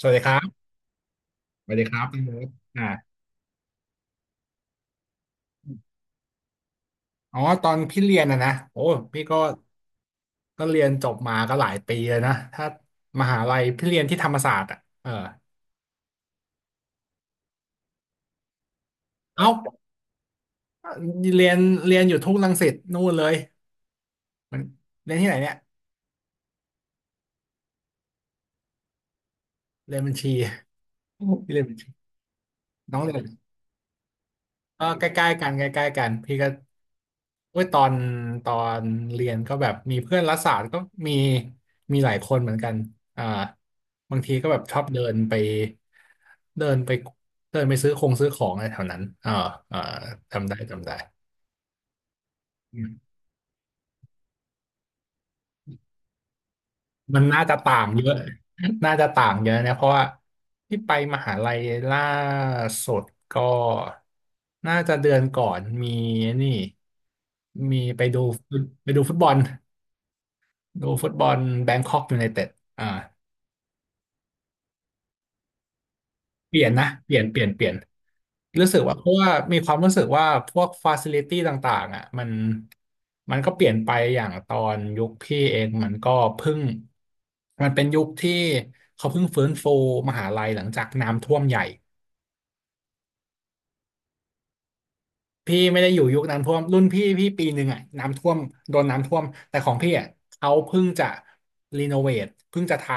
สวัสดีครับสวัสดีครับพี่เลิฟอ่าอ๋อตอนพี่เรียนนะโอ้พี่ก็เรียนจบมาก็หลายปีเลยนะถ้ามหาลัยพี่เรียนที่ธรรมศาสตร์อ่ะเออเอ้าเรียนอยู่ทุ่งรังสิตนู่นเลยมันเรียนที่ไหนเนี่ยเรียนบัญชี พี่เรียนบัญชีน้องเรียน ก็ใกล้ๆกันใกล้ๆกันพี่ก็เมื่อตอนตอนเรียนก็แบบมีเพื่อนรัฐศาสตร์ก็มีมีหลายคนเหมือนกันอ่าบางทีก็แบบชอบเดินไปเดินไปเดินไปซื้อคงซื้อของอะไรแถวนั้นอ่าจำได้จำได้มันน่าจะต่างเยอะ น่าจะต่างเยอะนะเพราะว่าที่ไปมหาลัยล่าสุดก็น่าจะเดือนก่อนมีนี่มีไปดูไปดูฟุตบอล ดูฟุตบอลแบงคอกยูไนเต็ดอ่าเปลี่ยนนะ เปลี่ยนรู้สึกว่าเพราะว่ามีความรู้สึกว่าพวกฟาซิลิตี้ต่างๆอ่ะมันก็เปลี่ยนไปอย่างตอนยุคพี่เองมันก็เพิ่งมันเป็นยุคที่เขาเพิ่งฟื้นฟูมหาลัยหลังจากน้ำท่วมใหญ่ พี่ไม่ได้อยู่ยุคน้ำท่วมรุ่นพี่พี่ปีหนึ่งอ่ะน้ำท่วมโดนน้ำท่วมแต่ของพี่อ่ะเขาเพิ่งจะรีโนเวทเพิ่งจะทา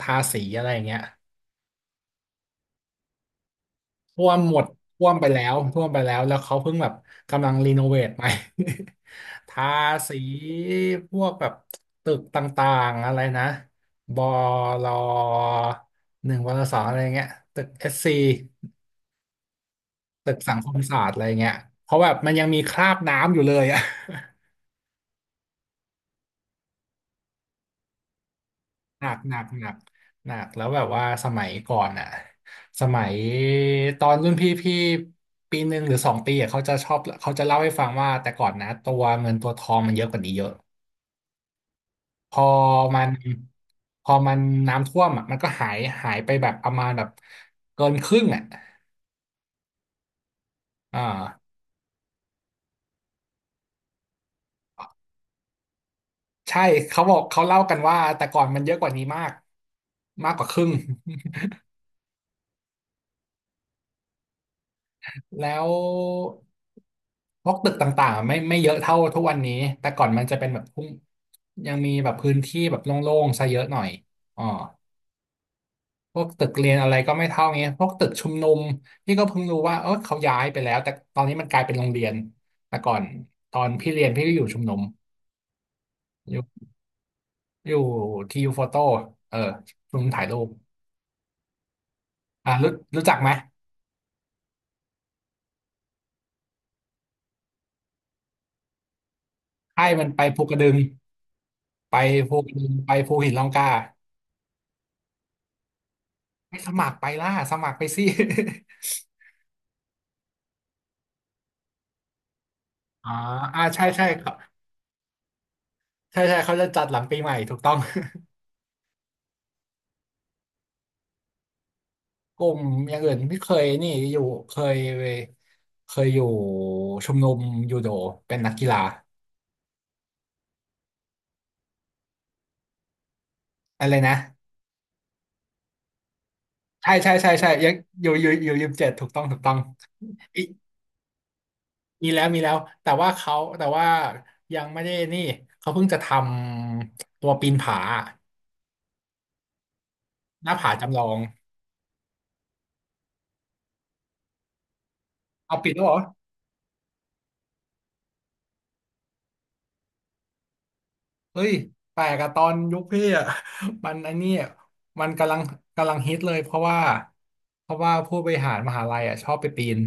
ทาสีอะไรอย่างเงี้ย ท่วมหมดท่วมไปแล้วท่วมไปแล้วแล้วเขาเพิ่งแบบกำลังรีโนเวทใหม่ ทาสีพวกแบบตึกต่างๆอะไรนะบลหนึ่งวลสองอะไรเงี้ยตึกเอสซีตึกสังคมศาสตร์อะไรเงี้ยเพราะแบบมันยังมีคราบน้ำอยู่เลยอะ หนักหนักแล้วแบบว่าสมัยก่อนอ่ะสมัยตอนรุ่นพี่พี่ปีหนึ่งหรือสองปีอะเขาจะชอบเขาจะเล่าให้ฟังว่าแต่ก่อนนะตัวเงินตัวทองมันเยอะกว่านี้เยอะพอมันพอมันน้ำท่วมอ่ะมันก็หายหายไปแบบประมาณแบบเกินครึ่งอ่ะอ่าใช่เขาบอกเขาเล่ากันว่าแต่ก่อนมันเยอะกว่านี้มากมากกว่าครึ่ง แล้ว พวกตึกต่างๆไม่เยอะเท่าทุกวันนี้แต่ก่อนมันจะเป็นแบบพุ่งยังมีแบบพื้นที่แบบโล่งๆซะเยอะหน่อยอ๋อพวกตึกเรียนอะไรก็ไม่เท่าเงี้ยพวกตึกชุมนุมพี่ก็เพิ่งรู้ว่าเออเขาย้ายไปแล้วแต่ตอนนี้มันกลายเป็นโรงเรียนแต่ก่อนตอนพี่เรียนพี่ก็อยู่ชุมนุมอยู่อยู่ทียูโฟโต้เออชุมนุมถ่ายรูปอ่ารู้รู้จักไหมให้มันไปภูกระดึงไปภูกระดึงไปภูหินร่องกล้าไม่สมัครไปล่ะสมัครไปสิ อ๋ออ่าใช่ใช่ครับ ใช่ใช่เขาจะจัดหลังปีใหม่ถูกต้อง กลุ่มอย่างอื่นที่เคยนี่อยู่เคยอยู่ชมรมยูโดเป็นนักกีฬาอะไรนะใช่ยังอยู่ยิม 7ถูกต้องถูกต้องอีมีแล้วมีแล้วแต่ว่าเขาแต่ว่ายังไม่ได้นี่เขาเพิ่งจะทำตัวปีนผาหน้าผาจำลองเอาปิดแล้วเหรอ เฮ้ยแปลกอะตอนยุคพี่อะ มันไอันนี้มันกำลังฮิตเลยเพราะว่าผู้บริหารมหาลัยอะชอบไปปีน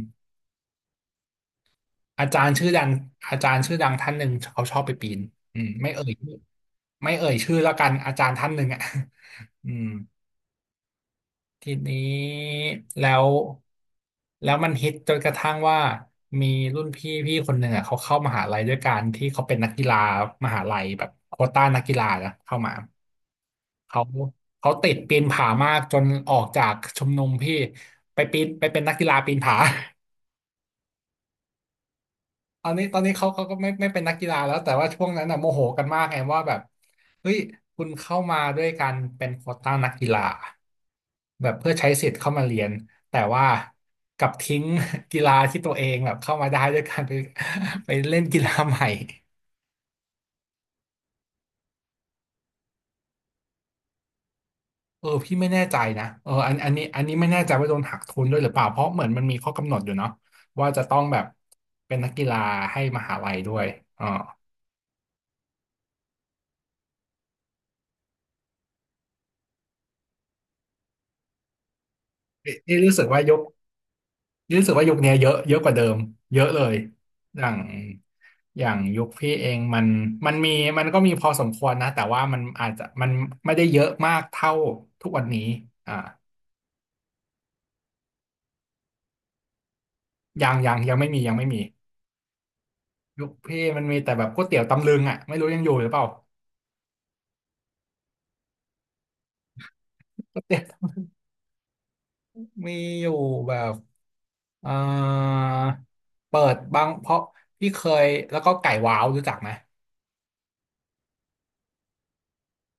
อาจารย์ชื่อดังอาจารย์ชื่อดังท่านหนึ่งเขาชอบไปปีนอืมไม่เอ่ยชื่อไม่เอ่ยชื่อแล้วกันอาจารย์ท่านหนึ่งอะ อืมทีนี้แล้วมันฮิตจนกระทั่งว่ามีรุ่นพี่พี่คนหนึ่งอ่ะเขาเข้ามหาลัยด้วยการที่เขาเป็นนักกีฬามหาลัยแบบโควต้านักกีฬานะเข้ามา เขาติดปีนผามากจนออกจากชมรมพี่ไปปีนไปเป็นนักกีฬาปีนผา ตอนนี้ตอนนี้เขาก็ไม่เป็นนักกีฬาแล้วแต่ว่าช่วงนั้นน่ะโมโหกันมากไงว่าแบบเฮ้ยคุณเข้ามาด้วยการเป็นโควต้านักกีฬาแบบเพื่อใช้สิทธิ์เข้ามาเรียนแต่ว่ากลับทิ้ง กีฬาที่ตัวเองแบบเข้ามาได้ด้วยการไปไปเล่นกีฬาใหม่ พี่ไม่แน่ใจนะอันนี้ไม่แน่ใจว่าโดนหักทุนด้วยหรือเปล่าเพราะเหมือนมันมีข้อกำหนดอยู่เนาะว่าจะต้องแบบเป็นนักกีฬาให้มหาลัยด้วยอ๋อนี่รู้สึกว่ายกนี่รู้สึกว่ายุคเนี้ยเยอะเยอะกว่าเดิมเยอะเลยอย่างอย่างยุคพี่เองมันมันมีมันก็มีพอสมควรนะแต่ว่ามันอาจจะไม่ได้เยอะมากเท่าทุกวันนี้อ่ายังไม่มียุคพี่มันมีแต่แบบก๋วยเตี๋ยวตำลึงอ่ะไม่รู้ยังอยู่หรือเปล่าก๋วยเตี๋ยวมีอยู่แบบ เอ่อเปิดบางเพราะพี่เคยแล้วก็ไก่ว้าวรู้จักไหม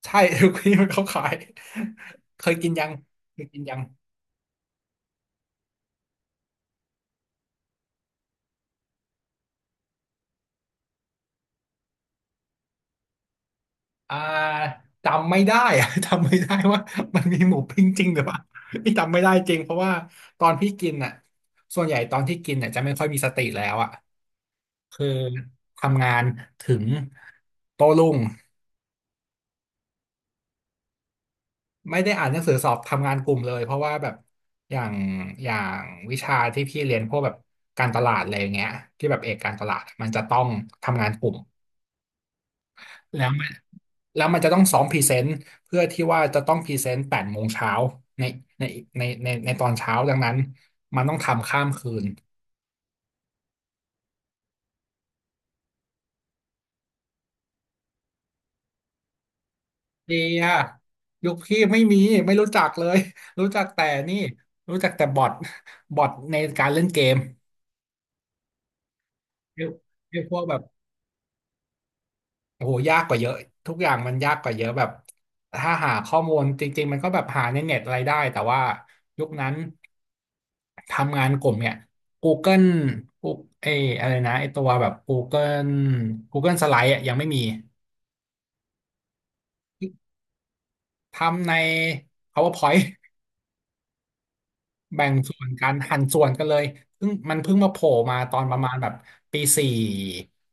ใช่ ทุกที่มันเขาขายเคยกินยังเคยกินยังอ่าจำไม่ได้อะ จำไม่ได้ว่ามันมีหมูปิ้งจริงหรือเปล่า พี่จำไม่ได้จริงเพราะว่าตอนพี่กินอ่ะส่วนใหญ่ตอนที่กินเนี่ยจะไม่ค่อยมีสติแล้วอ่ะคือทำงานถึงโต้รุ่ง ไม่ได้อ่านหนังสือสอบทำงานกลุ่มเลยเพราะว่าแบบอย่างอย่างวิชาที่พี่เรียนพวกแบบการตลาดอะไรอย่างเงี้ยที่แบบเอกการตลาดมันจะต้องทำงานกลุ่มแล้วมันแล้วมันจะต้องซ้อมพรีเซนต์เพื่อที่ว่าจะต้องพรีเซนต์แปดโมงเช้าในในในตอนเช้าดังนั้นมันต้องทำข้ามคืนเดียยุคพี่ไม่มีไม่รู้จักเลยรู้จักแต่นี่รู้จักแต่บอทในการเล่นเกมไอ้พวกแบบ โอ้โหยากกว่าเยอะทุกอย่างมันยากกว่าเยอะแบบถ้าหาข้อมูลจริงๆมันก็แบบหาในเน็ตอะไรได้แต่ว่ายุคนั้นทำงานกลุ่มเนี่ย Google กูเอยอะไรนะไอตัวแบบ Google Google Slide อะยังไม่มีทำใน PowerPoint แบ่งส่วนกันหั่นส่วนกันเลยเพิ่งมาโผล่มาตอนประมาณแบบปีสี่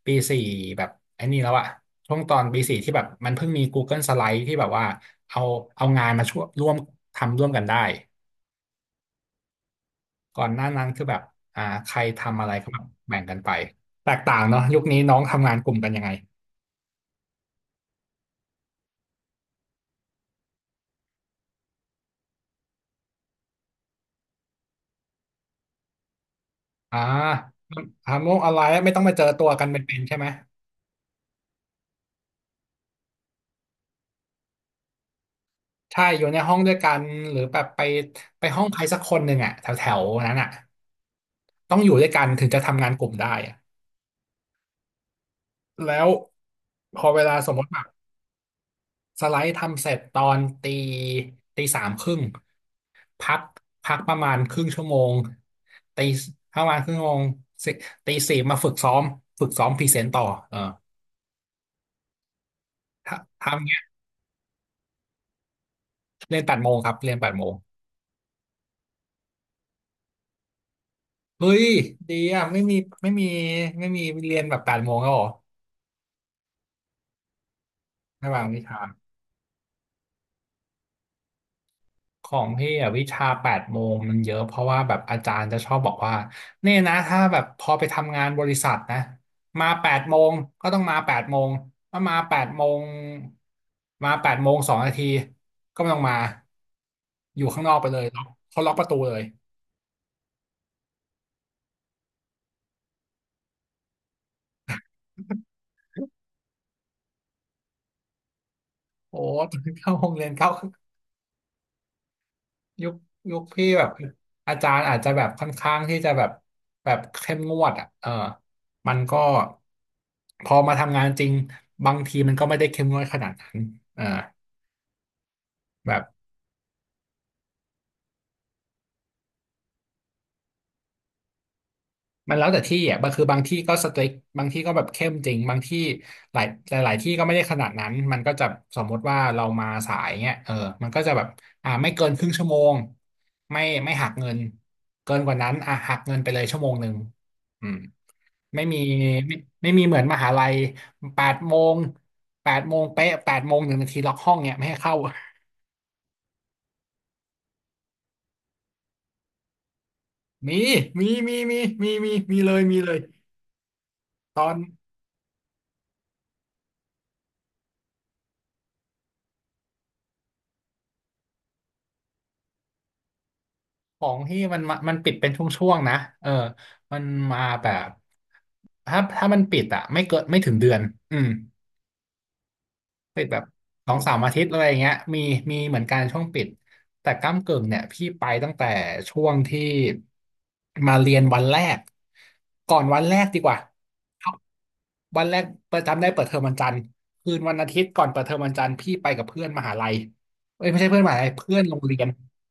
ปีสี่แบบไอ้นี่แล้วอะช่วงตอนปีสี่ที่แบบมันเพิ่งมี Google Slide ที่แบบว่าเอางานมาช่วยร่วมทำร่วมกันได้ก่อนหน้านั้นคือแบบใครทำอะไรก็แบบแบ่งกันไปแตกต่างเนาะยุคนี้น้องทำงานกลุ่มกันยังไงอ่าทำโลกออนไลน์ไม่ต้องมาเจอตัวกันเป็นๆใช่ไหมใช่อยู่ในห้องด้วยกันหรือแบบไปห้องใครสักคนหนึ่งอะแถวๆนั้นอะ ต้องอยู่ด้วยกันถึงจะทำงานกลุ่มได้อะแล้วพอเวลาสมมติแบบสไลด์ทำเสร็จตอนตีสามครึ่งพักประมาณครึ่งชั่วโมงตีประมาณครึ่งชั่วโมงสิตีสี่มาฝึกซ้อมพรีเซนต์ต่อเออถ้าทำเงี้ยเรียนแปดโมงครับเรียนแปดโมงเฮ้ยดีอ่ะไม่มีไม่มีไม่มีเรียนแบบแปดโมงแล้วเหรอระหว่างวิชา ของพี่อะวิชาแปดโมงมันเยอะเพราะว่าแบบอาจารย์จะชอบบอกว่าเนี่ยนะถ้าแบบพอไปทำงานบริษัทนะมาแปดโมงก็ต้องมาแปดโมงถ้ามาแปดโมงแปดโมงสองนาทีก็ไม่ต้องมาอยู่ข้างนอกไปเลยล็อกเขาล็อกประตูเลยโอ้ตอน เข้าโรงเรียนเข้า ยุคยุคพี่แบบอาจารย์อาจจะแบบค่อนข้างที่จะแบบเข้มงวดอ่ะเออมันก็พอมาทำงานจริงบางทีมันก็ไม่ได้เข้มงวดขนาดนั้นเออแบบ มันแล้วแต่ที่อ่ะบางบางที่ก็สตริกบางที่ก็แบบเข้มจริง บางที่หลายที่ก็ไม่ได้ขนาดนั้น มันก็จะสมมติว่าเรามาสายเงี้ยเออมันก็จะแบบอ่าไม่เกินครึ่งชั่วโมงไม่หักเงินเกินกว่านั้นอ่ะหักเงินไปเลยชั่วโมงหนึ่งอืมไม่มีไม่ไม่มีเหมือนมหาลัยแปดโมงแปดโมงเป๊ะแปดโมงหนึ่งนาทีล็อกห้องเนี่ยไม่ให้เข้า มีมีเลยตอน ของที่มันมามันปิดเป็นช่วงๆนะเออมันมาแบบถ้ามันปิดอะไม่เกินไม่ถึงเดือนอืมปิดแบบสองสามอาทิตย์อะไรอย่างเงี้ยมีเหมือนกันช่วงปิดแต่ก้ำกึ่งเนี่ยพี่ไปตั้งแต่ช่วงที่มาเรียนวันแรกก่อนวันแรกดีกว่าครับวันแรกเปิดจำได้เปิดเทอมวันจันทร์คืนวันอาทิตย์ก่อนเปิดเทอมวันจันทร์พี่ไปกับเพื่อนมหาลัยเอ้ยไม่ใช่เพื่อนมหาลัยเพื่อนโรงเรียน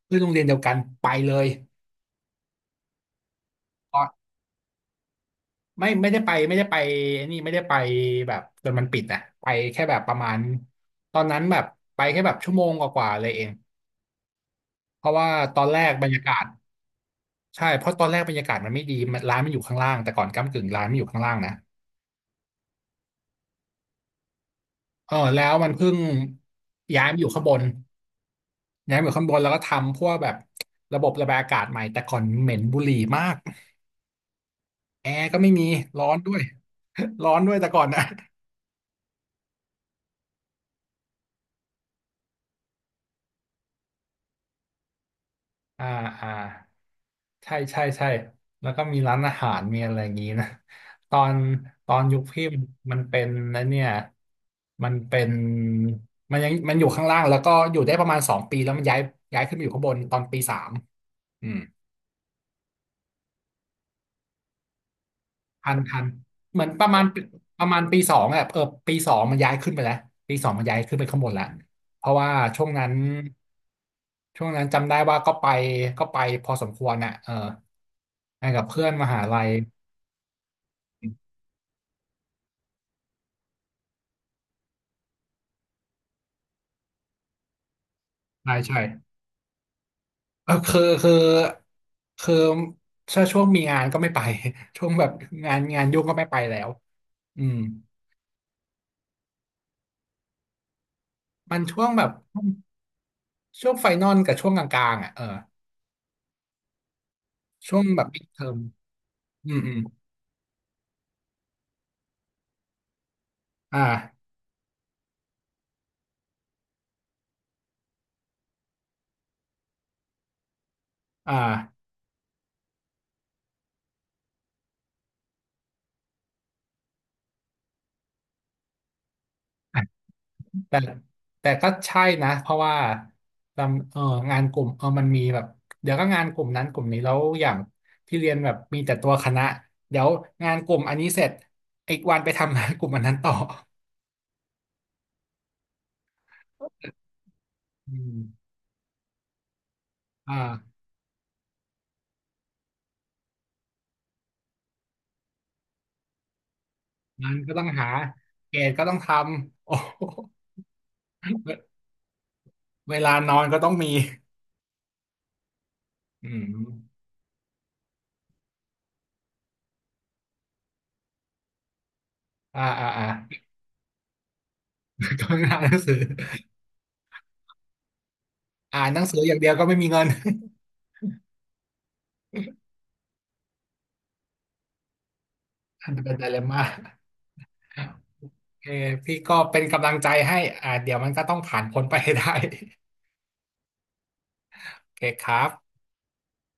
เพื่อนโรงเรียนเดียวกันไปเลย ไม่ได้ไปไม่ได้ไปไอ้นี่ไม่ได้ไปแบบจนมันปิดอ่ะไปแค่แบบประมาณตอนนั้นแบบไปแค่แบบชั่วโมงกว่าๆเลยเองเพราะว่าตอนแรกบรรยากาศใช่เพราะตอนแรกบรรยากาศมันไม่ดีร้านมันอยู่ข้างล่างแต่ก่อนก้ำกึ่งร้านมันอยู่ข้างล่างนะเออแล้วมันเพิ่งย้ายมาอยู่ข้างบนย้ายมาอยู่ข้างบนแล้วก็ทำพวกแบบระบบระบายอากาศใหม่แต่ก่อนเหม็นบุหรี่มากแอร์ก็ไม่มีร้อนด้วย ร้อนด้วยแต่ก่อนนะ อ่าอ่า ใช่ใช่ใช่แล้วก็มีร้านอาหารมีอะไรอย่างนี้นะ ตอนยุคพี่มันเป็นนะเนี่ยมันเป็นมันยังมันอยู่ข้างล่างแล้วก็อยู่ได้ประมาณสองปีแล้วมันย้ายขึ้นมาอยู่ข้างบนตอนปีสามอืมทันเหมือนประมาณปีสองอะเออปีสองมันย้ายขึ้นไปแล้วปีสองมันย้ายขึ้นไปข้างบนแล้วเพราะว่าช่วงนั้นจำได้ว่าก็ไปก็ไปพอสมควรน่ะเออไปกับเพื่อนมหาลัยใช่ใช่ เออคือถ้าช่วงมีงานก็ไม่ไป ช่วงแบบงานยุ่งก็ไม่ไปแล้วอืมมันช่วงแบบช่วงไฟนอลกับช่วงกลางๆอ่ะเออช่วงแบบปิดเทอมอืมอืมอ่าอ่า แต่ก็ใช่นะเพราะว่าเอองานกลุ่มเออมันมีแบบเดี๋ยวก็งานกลุ่มนั้นกลุ่มนี้แล้วอย่างที่เรียนแบบมีแต่ตัวคณะเดี๋ยวงานกลุ่มอันนี้เสร็จอีกวันไปทำงานกลุ่มอันนั้นต่ออืมอ่า งานก็ต้องหาเกรดก็ต้องทำ โอ้โหเวลานอนก็ต้องมีอืมอ่าก็อ่านหนังสืออ่านหนังสืออย่างเดียวก็ไม่มีเงินอันเป็นไดเลมม่าโอเคพี่ก็เป็นกำลังใจให้อ่าเดี๋ยวมันก็ต้องผ่านพ้นไปให้ได้โอเคครับ